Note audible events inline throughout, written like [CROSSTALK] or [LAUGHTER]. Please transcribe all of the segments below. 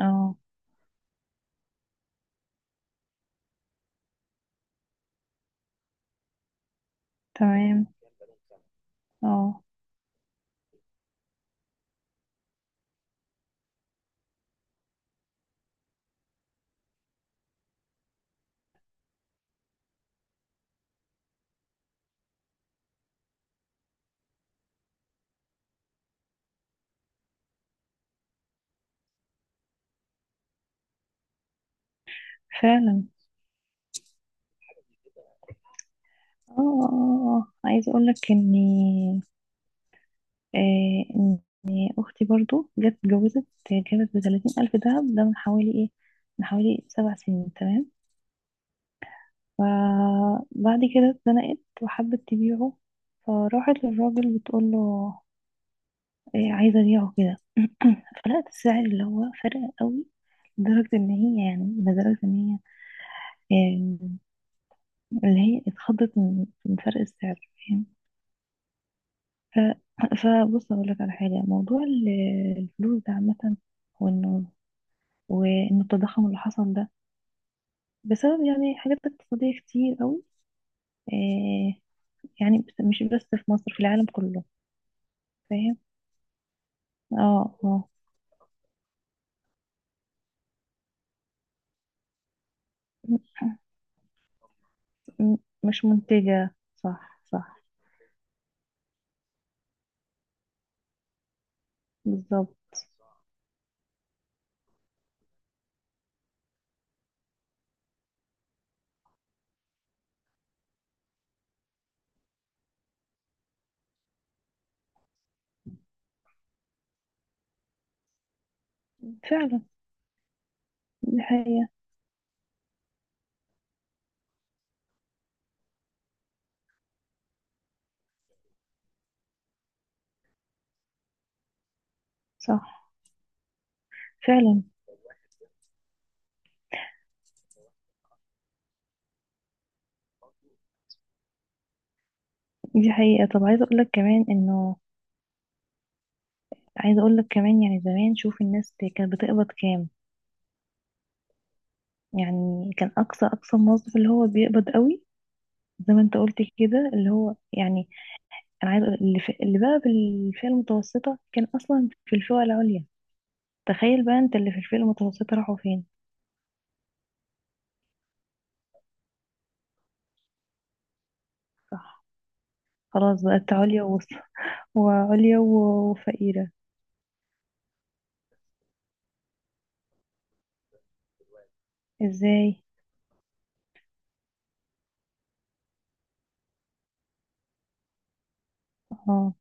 اه تمام. اه فعلا. اه اه اه اه. عايزه اقول لك اني آه ان اختي برضو جت اتجوزت. جابت بـ30 ألف دهب ده من حوالي 7 سنين. تمام. فبعد كده اتزنقت وحبت تبيعه، فراحت للراجل بتقول له، عايزه ابيعه كده. [CLEARS THROAT] فلقت السعر اللي هو فرق قوي، لدرجه ان هي آه، اللي هي اتخضت من فرق السعر. فاهم؟ ف... فبص اقول لك على حاجه، موضوع الفلوس ده عامه، وانه وان التضخم اللي حصل ده بسبب يعني حاجات اقتصاديه كتير قوي. آه يعني مش بس في مصر، في العالم كله. فاهم؟ اه اه. م- م- مش منتجه. صح صح. بالظبط. فعلا. دي حقيقه. صح. فعلا. دي حقيقه. طب عايزه اقول لك كمان يعني زمان شوف الناس كانت بتقبض كام. يعني كان اقصى موظف اللي هو بيقبض قوي زي ما انت قلت كده، اللي هو يعني، اللي بقى بالفئة المتوسطة كان اصلا في الفئة العليا. تخيل بقى انت اللي في الفئة المتوسطة راحوا فين. صح. خلاص بقت عليا ووسط، وعليا وفقيرة. ازاي؟ اه.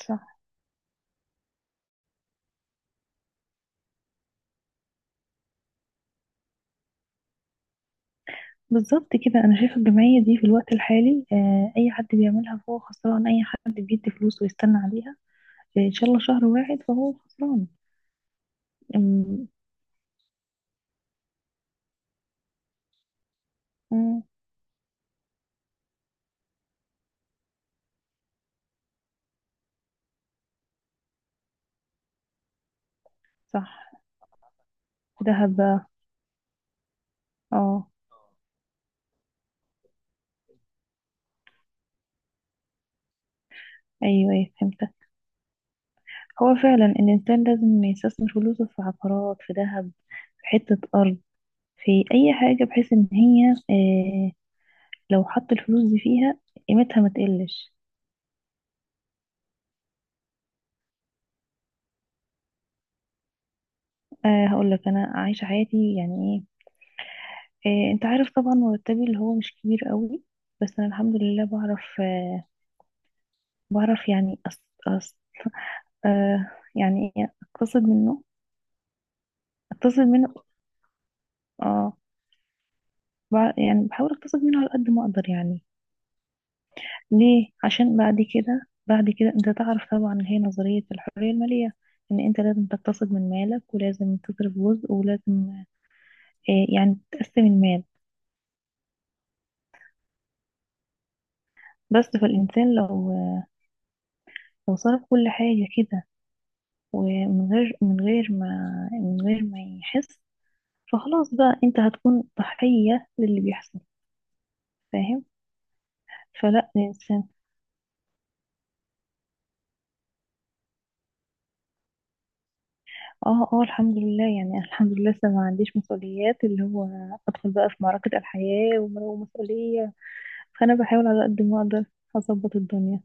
صح. بالظبط كده، انا شايفة الجمعية دي في الوقت الحالي آه، اي حد بيعملها فهو خسران. اي حد بيدي فلوس ويستنى عليها ان شاء الله شهر واحد فهو خسران. أم- أم، صح. دهب بقى. اه. ايوه ايوه فهمتك. هو فعلا الانسان لازم يستثمر فلوسه في عقارات، في ذهب، في حتة ارض، في اي حاجة، بحيث ان هي لو حط الفلوس دي فيها قيمتها ما تقلش. هقول لك انا عايشة حياتي يعني ايه آه انت عارف طبعا مرتبي اللي هو مش كبير قوي، بس انا الحمد لله بعرف، بعرف يعني أص أص آه يعني اقتصد منه، اقتصد منه. اه يعني بحاول اقتصد منه على قد ما اقدر يعني. ليه؟ عشان بعد كده، بعد كده، انت تعرف طبعا اللي هي نظرية الحرية المالية، ان انت لازم تقتصد من مالك ولازم تصرف جزء ولازم، يعني تقسم المال. بس فالإنسان لو صرف كل حاجة كده ومن غير من غير ما من غير ما يحس، فخلاص بقى انت هتكون ضحية للي بيحصل. فاهم؟ فلا الإنسان. اه اه الحمد لله يعني [LAUGHS] أنا الحمد لله لسه ما عنديش مسؤوليات، اللي هو أدخل بقى في معركة الحياة ومسؤولية. فانا بحاول على قد ما اقدر اظبط الدنيا.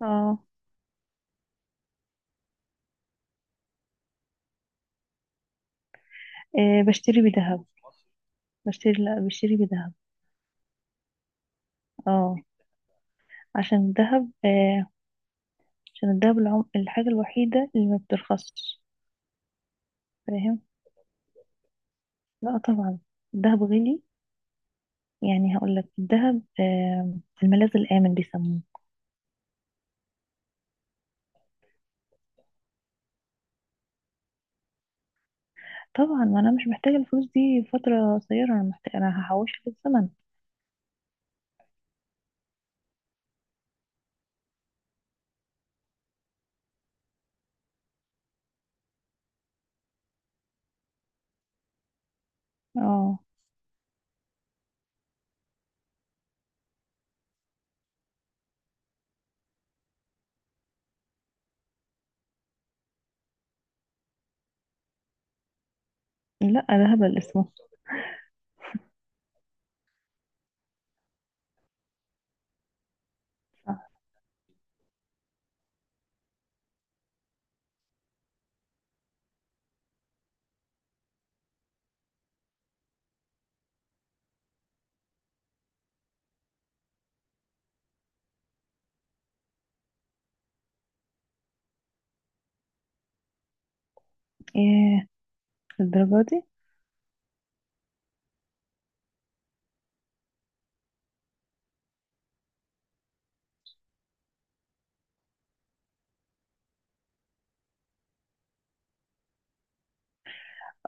اه. بشتري بذهب. لا، بشتري بذهب. اه، عشان الذهب، عشان الذهب الحاجة الوحيدة اللي ما بترخصش. فاهم؟ لا طبعا الذهب غالي. يعني هقول لك الذهب الملاذ الآمن بيسموه. طبعا، ما انا مش محتاجة الفلوس دي فترة قصيرة، انا محتاجة، انا هحوشها في الزمن. اه. لا ده هبل اسمه. صح. ايه الدرجة دي؟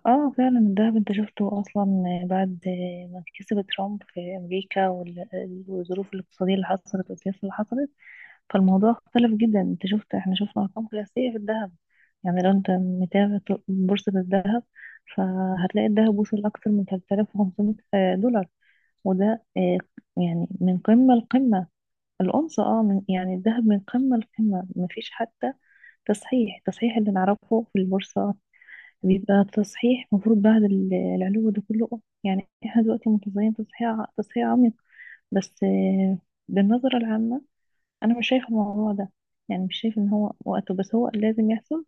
اه فعلا الذهب انت شفته اصلا بعد ما كسب ترامب في امريكا والظروف الاقتصادية اللي حصلت والسياسة اللي حصلت، فالموضوع اختلف جدا. انت شفت، احنا شفنا ارقام قياسية في الذهب. يعني لو انت متابع بورصة الذهب فهتلاقي الذهب وصل اكتر من 3500 دولار. وده يعني من قمة لقمة. الأونصة. اه، من يعني الذهب من قمة لقمة مفيش حتى تصحيح. التصحيح اللي نعرفه في البورصة بيبقى التصحيح المفروض بعد العلو ده كله، يعني احنا دلوقتي متظاهرين تصحيح عميق. بس، بالنظرة العامة، أنا مش شايفة الموضوع ده، يعني مش شايفة إن هو وقته، بس هو لازم يحصل.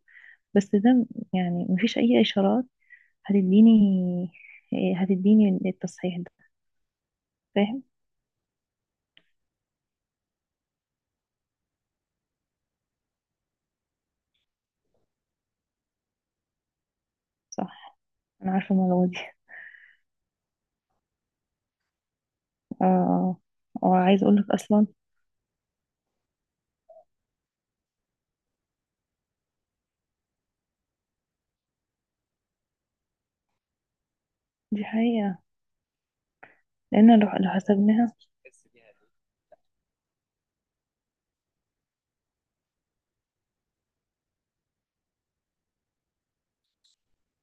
بس ده يعني مفيش أي إشارات هتديني هتديني التصحيح ده. فاهم؟ صح. أنا عارفة الموضوع دي. [LAUGHS] اه آه. وعايز أقولك أصلا، دي حقيقة. لأن لو حسبناها.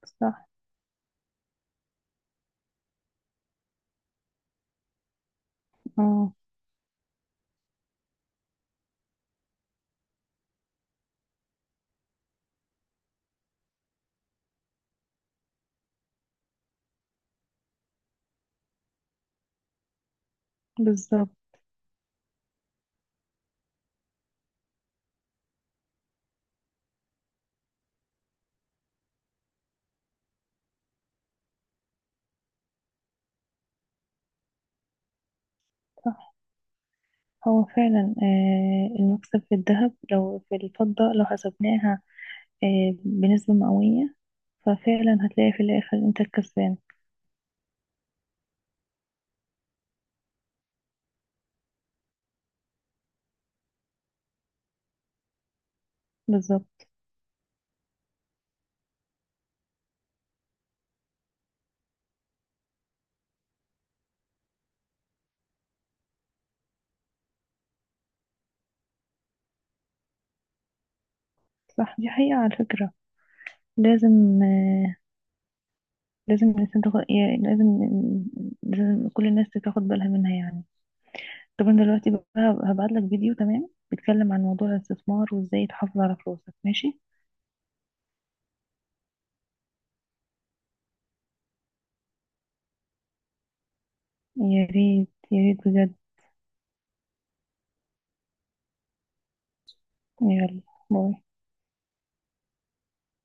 صح. اه. بالظبط. صح. هو فعلا المكسب في الذهب، لو في الفضة لو حسبناها بنسبة مئوية، ففعلا هتلاقي في الآخر انت الكسبان. بالظبط. صح دي حقيقة، على فكرة لازم، لازم الإنسان تاخد يعني، لازم كل الناس تاخد بالها منها يعني. طب أنا دلوقتي بقى هبعت لك فيديو، تمام، بيتكلم عن موضوع الاستثمار وازاي تحافظ على فلوسك، ماشي؟ يا ريت يا ريت بجد. يلا، باي.